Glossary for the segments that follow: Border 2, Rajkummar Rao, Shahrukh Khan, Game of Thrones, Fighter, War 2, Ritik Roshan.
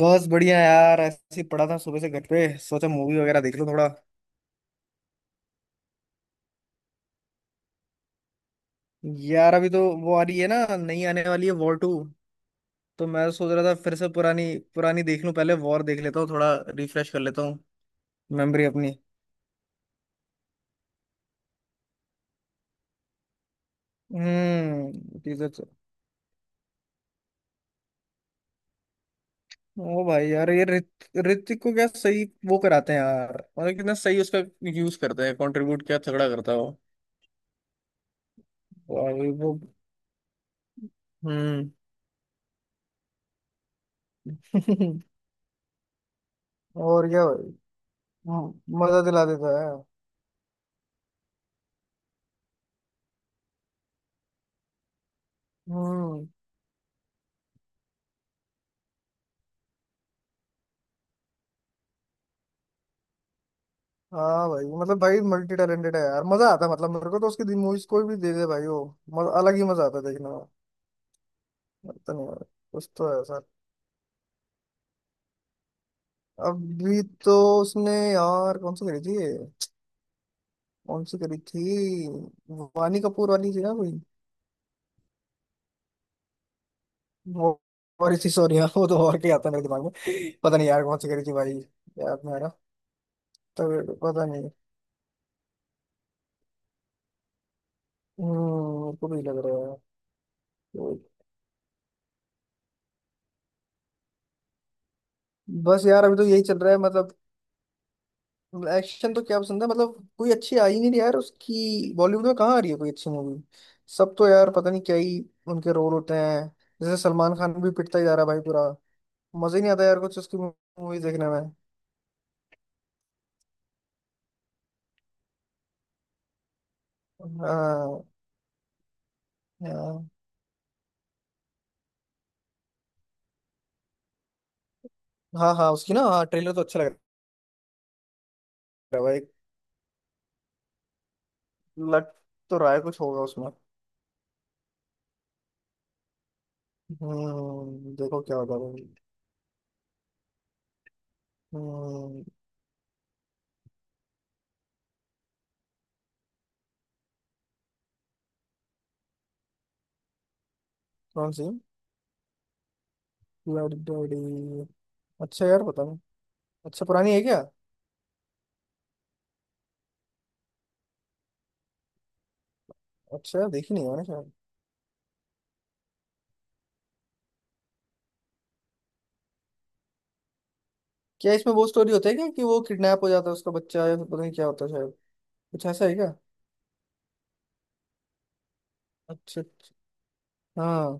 बस बढ़िया यार, ऐसे ही पड़ा था सुबह से घर पे। सोचा मूवी वगैरह देख लूं थोड़ा। यार अभी तो वो आ रही है ना, नई आने वाली है वॉर टू। तो मैं तो सोच रहा था फिर से पुरानी पुरानी देख लूं, पहले वॉर देख लेता हूँ, थोड़ा रिफ्रेश कर लेता हूँ मेमोरी अपनी। हम्म। ओ भाई यार, ये ऋतिक को क्या सही वो कराते हैं यार। मतलब कितना सही उसका यूज करते हैं, कंट्रीब्यूट क्या तगड़ा करता है वो। और। वो। हम्म। और क्या भाई। मजा दिला देता है। हम्म। हाँ भाई, मतलब भाई मल्टी टैलेंटेड है यार, मजा आता है। मतलब मेरे को तो उसकी मूवीज कोई भी दे दे भाई वो, अलग ही मजा आता है देखने में। लगता नहीं है। कुछ तो है सर। अभी तो उसने यार कौन सी करी थी ये? कौन सी करी थी? वानी कपूर वाली थी ना कोई? वो और थी, सॉरी यार। वो तो और क्या आता है मेरे दिमाग में, पता नहीं यार कौन सी करी थी भाई। याद नहीं आ रहा, तो पता नहीं। हम्म, मेरे को भी लग रहा है। बस यार अभी तो यही चल रहा है मतलब। एक्शन तो क्या पसंद है, मतलब कोई अच्छी आई नहीं रही यार। उसकी बॉलीवुड में कहाँ आ रही है कोई अच्छी मूवी? सब तो यार पता नहीं क्या ही उनके रोल होते हैं। जैसे सलमान खान भी पिटता ही जा रहा है भाई पूरा, मजा ही नहीं आता यार कुछ उसकी मूवी देखने में। हाँ। हाँ। हाँ हाँ, उसकी ना। हाँ, ट्रेलर तो अच्छा लग रहा है भाई। लग तो रहा है कुछ होगा उसमें। हम्म, देखो क्या होगा भाई। हम्म। कौन सी? लड़- डड़ी। अच्छा यार पता नहीं। अच्छा पुरानी है क्या? अच्छा यार देखी नहीं है मैंने। क्या इसमें वो स्टोरी होता है क्या कि वो किडनैप हो जाता है उसका बच्चा, या फिर पता नहीं क्या होता है शायद, कुछ ऐसा है क्या? अच्छा अच्छा। हाँ।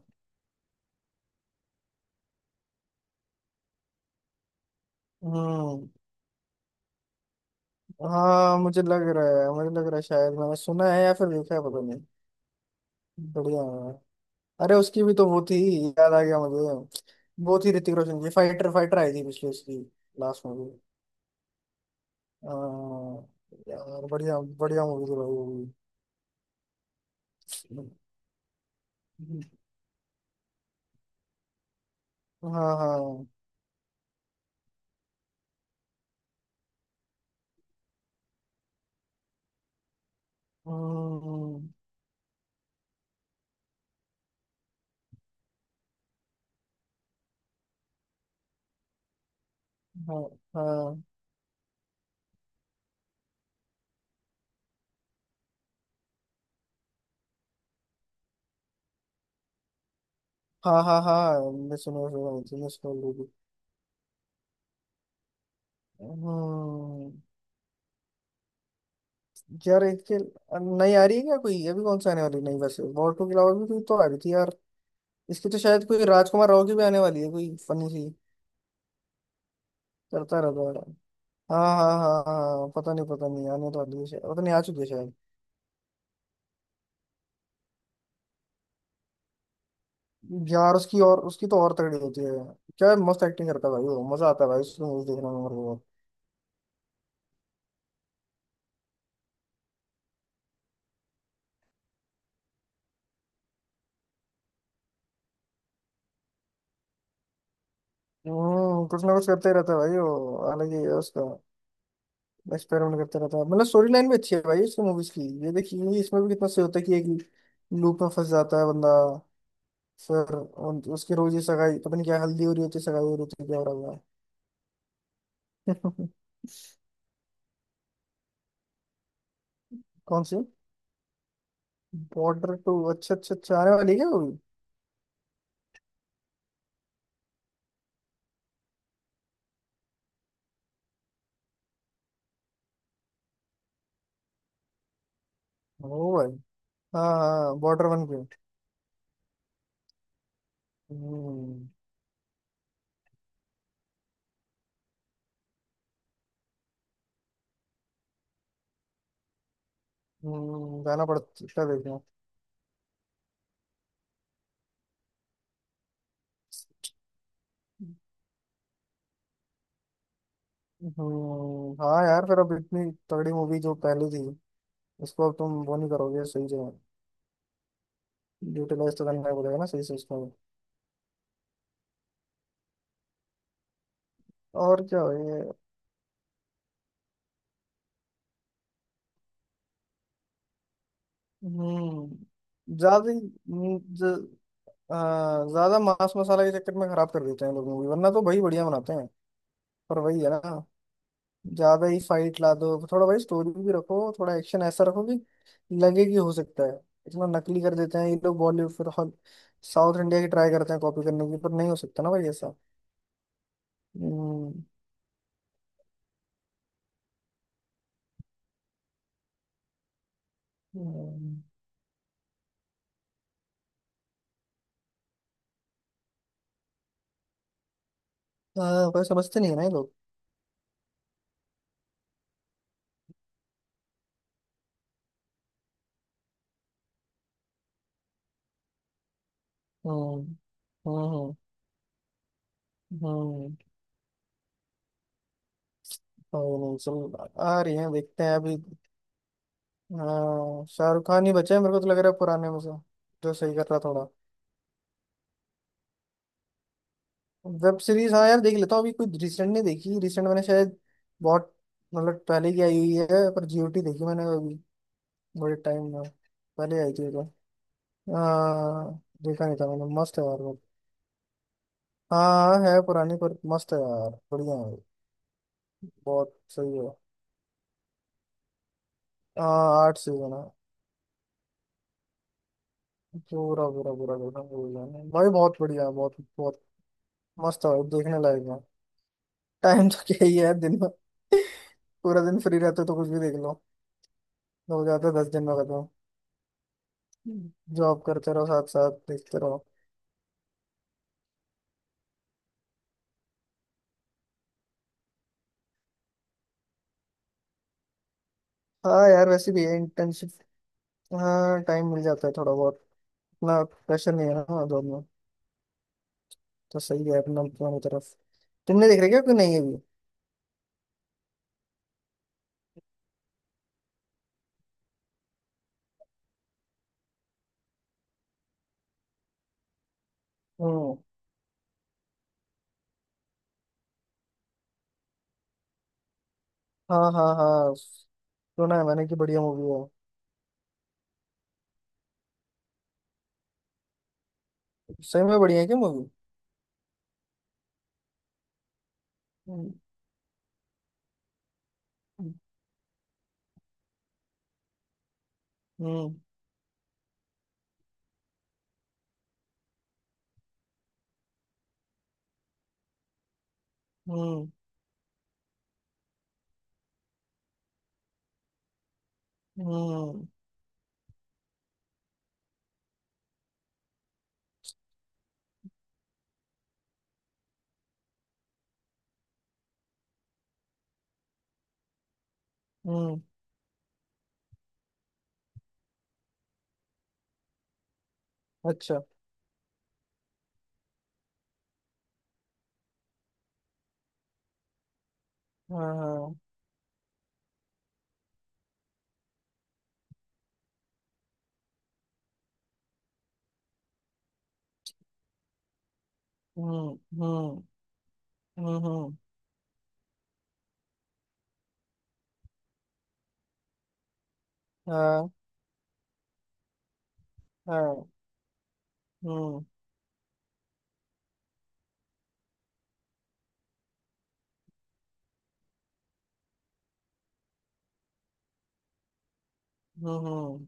हम्म। हाँ मुझे लग रहा है, मुझे लग रहा है, शायद मैंने सुना है या फिर देखा है पता नहीं। बढ़िया है। अरे उसकी भी तो वो थी, याद आ गया मुझे। वो थी ऋतिक रोशन की फाइटर, फाइटर आई थी पिछले उसकी लास्ट मूवी। यार बढ़िया बढ़िया मूवी थी भाई वो भी। हाँ हाँ। हम्म। हाँ हाँ हाँ हाँ, हाँ मैं सुनो सुनो सुनो सुनो लोगी। हम्म। यार इसके, नहीं आ रही है क्या कोई अभी? कौन सा आने वाली, नहीं, वैसे वॉर टू के अलावा भी कोई तो आ रही थी यार। इसकी तो शायद कोई राजकुमार राव की भी आने वाली है कोई फनी सी। करता रहता है। हाँ हाँ हाँ हाँ, पता नहीं पता नहीं, आने तो वाली है शायद, पता नहीं आ चुकी है शायद। यार उसकी, और उसकी तो और तगड़ी होती है। क्या मस्त एक्टिंग करता है भाई वो, मजा आता है भाई उसकी मूवी देखने में मेरे को। हम्म, कुछ ना कुछ करते ही रहता है भाई, वो अलग ही है उसका। बस पैरों करता रहता है मतलब। स्टोरी लाइन भी अच्छी है भाई इसकी मूवीज की। ये देखिए ये, इसमें भी कितना सही होता है कि एक लूप में फंस जाता है बंदा, फिर उसकी रोज ही सगाई पता नहीं, क्या हल्दी हो रही होती है, सगाई हो रही होती है, क्या हो रहा है। कौन सी? बॉर्डर टू? अच्छा अच्छा अच्छा, आने वाली है क्या वो भी? ओ भाई। हाँ हाँ, बॉर्डर वन पे। हम्म, जाना पड़ता क्या देखना? हम्म, हाँ यार, फिर अब इतनी तगड़ी मूवी जो पहले थी, उसको अब तुम वो नहीं करोगे सही जगह। यूटिलाइज तो करना पड़ेगा ना सही से उसको। और क्या हो ये। हम्म, ज्यादा ही, आ, ज्यादा मांस मसाला के चक्कर में खराब कर देते हैं लोग मूवी, वरना तो भाई बढ़िया बनाते हैं। पर वही है ना, ज्यादा ही फाइट ला दो थोड़ा, भाई स्टोरी भी रखो, थोड़ा एक्शन ऐसा रखो कि लगे कि हो सकता है। इतना नकली कर देते हैं ये लोग बॉलीवुड, फिर हॉल साउथ इंडिया की ट्राई करते हैं कॉपी करने की, पर नहीं हो सकता ना भाई ऐसा। हम्म। हम्म, हाँ भाई समझते नहीं है ना ये लोग। हम्म। हम्म। हम्म। हम्म। और नहीं, चल आ रही है, देखते हैं अभी। हाँ शाहरुख खान ही बचे हैं मेरे को तो लग रहा है पुराने में से, जो सही कर रहा थोड़ा। वेब सीरीज हाँ यार देख लेता हूँ। अभी कोई रिसेंट नहीं देखी, रिसेंट मैंने शायद बहुत, मतलब पहले की आई हुई है, पर जीओटी देखी मैंने अभी बड़े टाइम में। पहले आई थी तो। हाँ। देखा नहीं था मैंने, मस्त है यार वो। हाँ है पुरानी पर मस्त है यार, बढ़िया है। बहुत सही है। हाँ 8 सीजन है। पूरा पूरा पूरा देखा पूरा। भाई बहुत बढ़िया है बहुत बहुत। मस्त है भाई, देखने लायक है। टाइम तो क्या ही है दिन में, पूरा दिन फ्री रहते हो तो कुछ भी देख लो। हो जाता है 10 दिन में खत्म। जॉब करते रहो साथ साथ देखते रहो। हाँ यार वैसे भी इंटर्नशिप, हाँ, टाइम मिल जाता है थोड़ा बहुत, इतना प्रेशर नहीं है ना, हाँ, जॉब में। तो सही है अपना दोनों तरफ। तुमने देख रहे क्या कि नहीं अभी? हम्म। हाँ हाँ हाँ सुना है मैंने कि बढ़िया मूवी है। सही में बढ़िया है क्या मूवी? हम्म। हम्म। हम्म। हम्म। हम्म। अच्छा। हाँ हाँ। हम्म। हम्म। हम्म। हम्म। हाँ हाँ। हम्म। हम्म।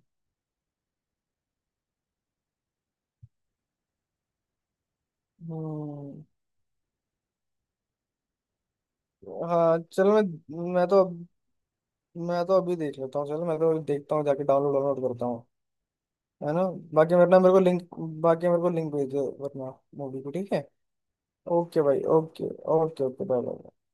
हम्म। हाँ चल मैं तो अब, मैं तो अभी देख लेता हूँ चलो, मैं तो अभी देखता हूँ जाके, डाउनलोड डाउनलोड करता हूँ। है ना? बाकी वरना मेरे को लिंक, बाकी मेरे को लिंक भेज दो वरना मूवी को, ठीक है? ओके भाई okay, okay okay, bye bye.